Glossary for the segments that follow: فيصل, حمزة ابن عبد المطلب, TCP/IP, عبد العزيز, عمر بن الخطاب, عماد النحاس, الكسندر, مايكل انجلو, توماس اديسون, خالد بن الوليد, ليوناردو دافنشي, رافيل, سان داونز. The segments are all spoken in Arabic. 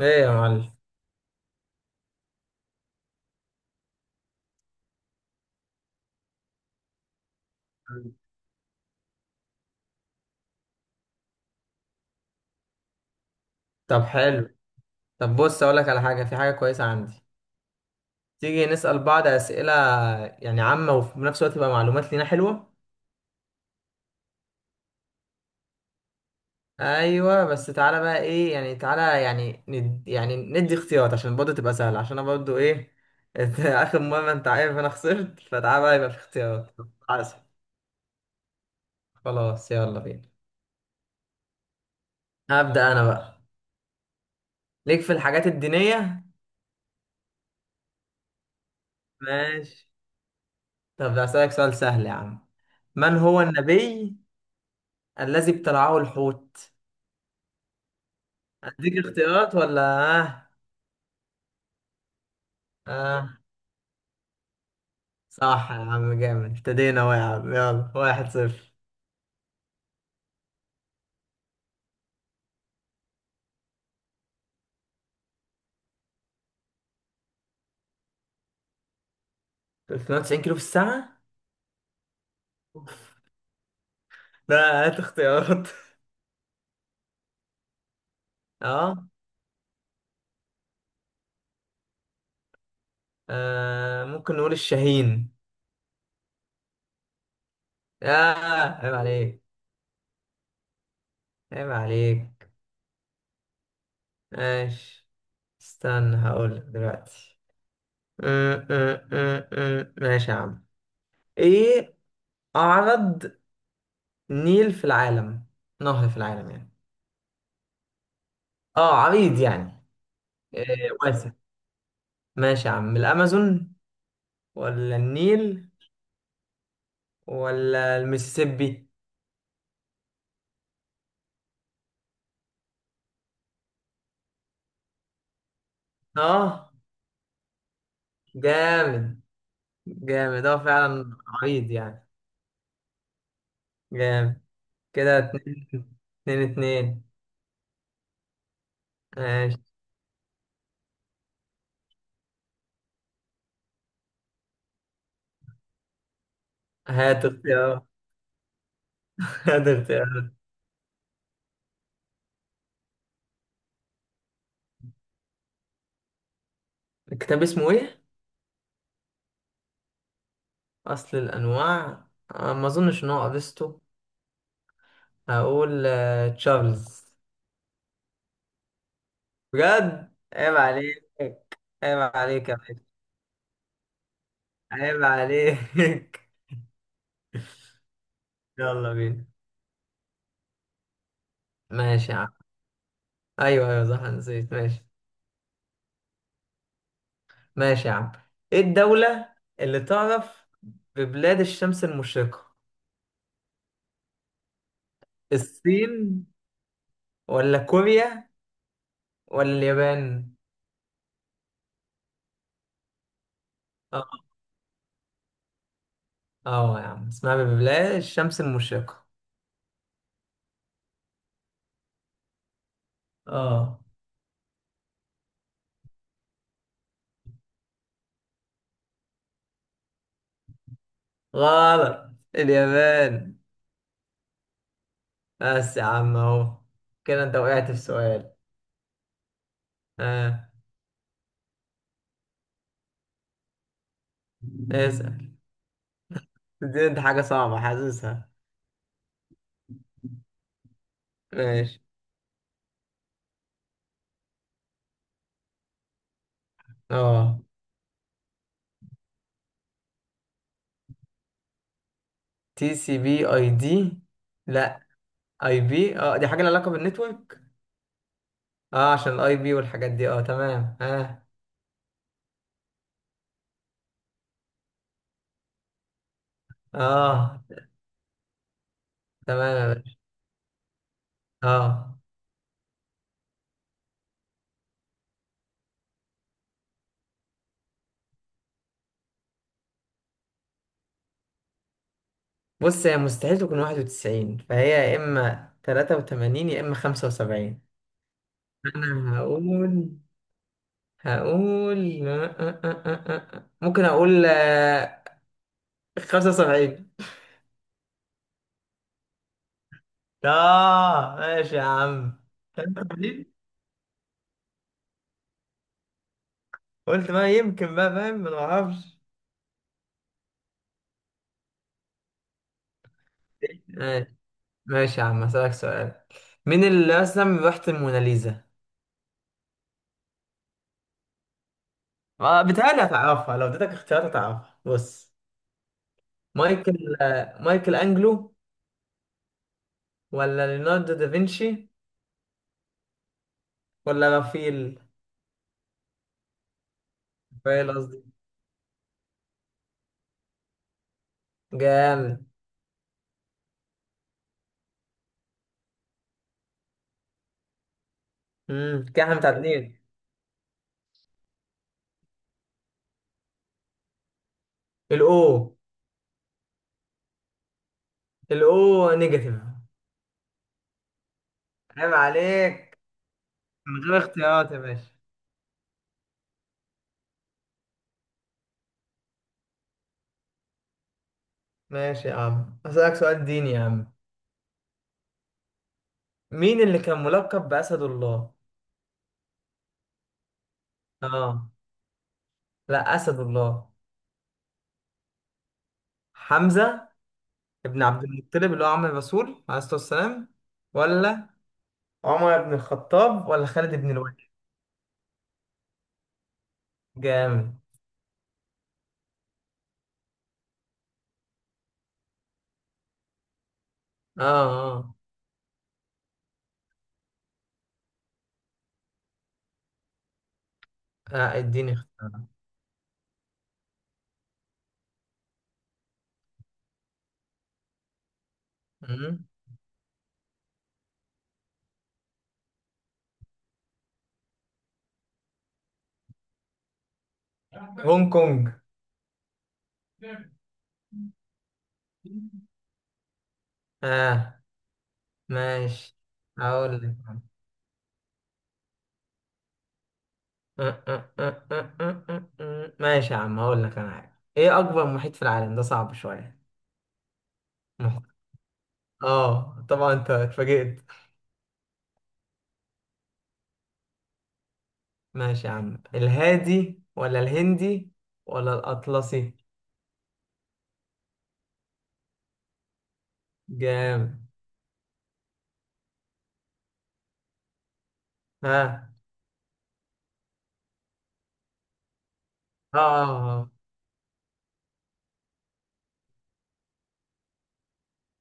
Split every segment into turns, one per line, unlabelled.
ايه يا معلم. طب حلو، طب بص اقول لك على حاجه، في حاجه كويسه عندي. تيجي نسال بعض اسئله يعني عامه، وفي نفس الوقت تبقى معلومات لينا حلوه. ايوه بس تعالى بقى، ايه يعني، تعالى يعني ند يعني ندي اختيارات، عشان برضه تبقى سهله، عشان انا برضه ايه. إنت اخر مره انت عارف انا خسرت، فتعالى بقى يبقى في اختيارات. عسل، خلاص يلا بينا. هبدا انا بقى. ليك في الحاجات الدينيه؟ ماشي. طب هسألك سؤال سهل يا عم، من هو النبي الذي ابتلعه الحوت؟ اديك اختيارات ولا؟ اه اه. صح يا عم، جامد، ابتدينا اهو يا عم، يلا واحد صفر. 390 كيلو في الساعة؟ لا هات اختيارات. اه. ممكن نقول الشاهين. اه. عيب عليك. عيب عليك. ماشي، استنى هقول لك دلوقتي. أم، أم، أم، أم. ماشي يا عم. ايه؟ اعرض نيل في العالم نهر في العالم يعني. اه عريض يعني. إيه واسع. ماشي يا عم، الامازون ولا النيل ولا المسيسيبي؟ اه، جامد جامد، اه فعلا عريض يعني. جامد. كده اتنين اتنين اتنين. ماشي هات اختيار. هات اختيار. الكتاب اسمه ايه؟ اصل الانواع. ما اظنش ان هو افسطو. هقول تشارلز. بجد عيب عليك. عيب عليك يا باشا. عيب عليك. يلا بينا. ماشي يا عم. ايوه ايوه صح أنا نسيت. ماشي ماشي يا عم. ايه الدولة اللي تعرف ببلاد الشمس المشرقة؟ الصين ولا كوريا ولا اليابان؟ اه. آه يا عم اسمها ببلاد الشمس المشرقة. اه. غلط، اليابان. بس يا عم اهو، كده انت وقعت في سؤال. اه. اسأل. دي انت حاجة صعبة حاسسها. ماشي. اه. تي سي بي اي دي؟ لا. اي بي، اه دي حاجة لها علاقة بالنتورك. اه، عشان الاي بي والحاجات دي، اه تمام اه. اه. تمام يا باشا. اه بص، هي مستحيل تكون 91، فهي يا اما 83 يا اما 75. انا هقول، هقول ممكن اقول 75. اه ماشي يا عم. 83. قلت ما يمكن بقى، فاهم، ما نعرفش. ماشي. ماشي يا عم هسألك سؤال، مين اللي رسم لوحة الموناليزا؟ ما بتهيألي هتعرفها، لو اديتك اختيارات هتعرفها. بص، مايكل انجلو، ولا ليوناردو دافنشي، ولا رافيل. رافائيل قصدي. جامد. كده احنا متعادلين. الاو. الاو نيجاتيف. عيب عليك. من غير اختيارات يا باشا. ماشي يا عم هسألك سؤال ديني يا عم. مين اللي كان ملقب بأسد الله؟ اه. لا أسد الله. حمزة ابن عبد المطلب اللي هو عم الرسول عليه الصلاة والسلام. ولا عمر بن الخطاب ولا خالد بن الوليد. جامد. اه اه. اديني اختيار. مم. هونج كونج. اه. ماشي. هقول لك. ماشي يا عم هقول لك انا حاجه، ايه اكبر محيط في العالم؟ ده صعب شويه. محيط. اه طبعا انت اتفاجئت. ماشي يا عم، الهادي ولا الهندي ولا الاطلسي. جامد. ها اه اه آه.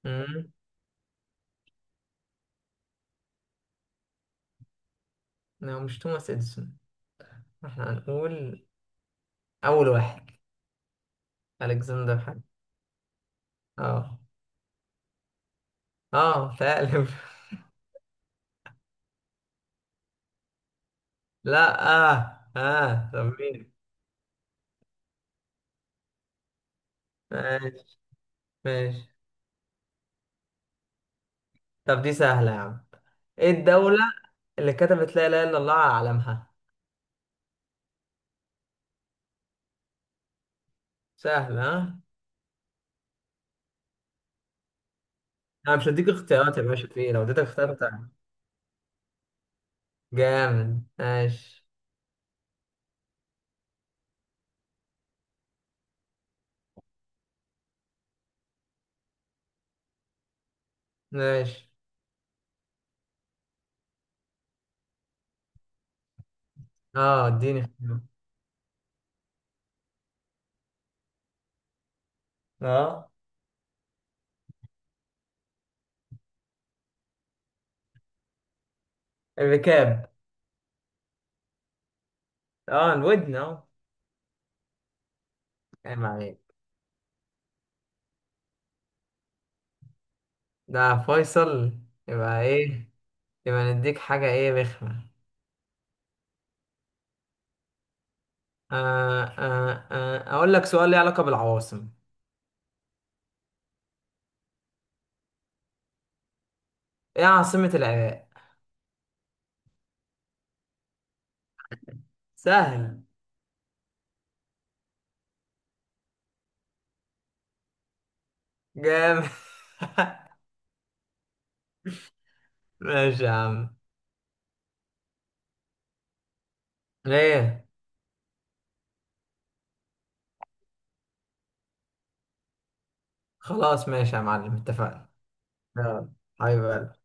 مم. لا مش توماس اديسون، احنا هنقول اول واحد، الكسندر حاجه. اه. اه فعلا. لا طب مين؟ ماشي ماشي. طب دي سهله يا عم، ايه الدوله اللي كتبت لا اله الا الله على علمها؟ سهله، ها. انا مش هديك اختيارات يا باشا في إيه؟ لو اديتك اختيارات هتعرف. جامد ماشي. ماشي. اه اديني اختيار. اه. الركاب. اه الودن اه. عيب عليك. ده فيصل. يبقى ايه، يبقى نديك حاجه ايه رخمه. اقول لك سؤال ليه علاقة بالعواصم. ايه عاصمة العراق؟ سهل. جامد. ماشي يا عم. ليه؟ خلاص ماشي يا معلم، اتفقنا. يلا. حبيبي.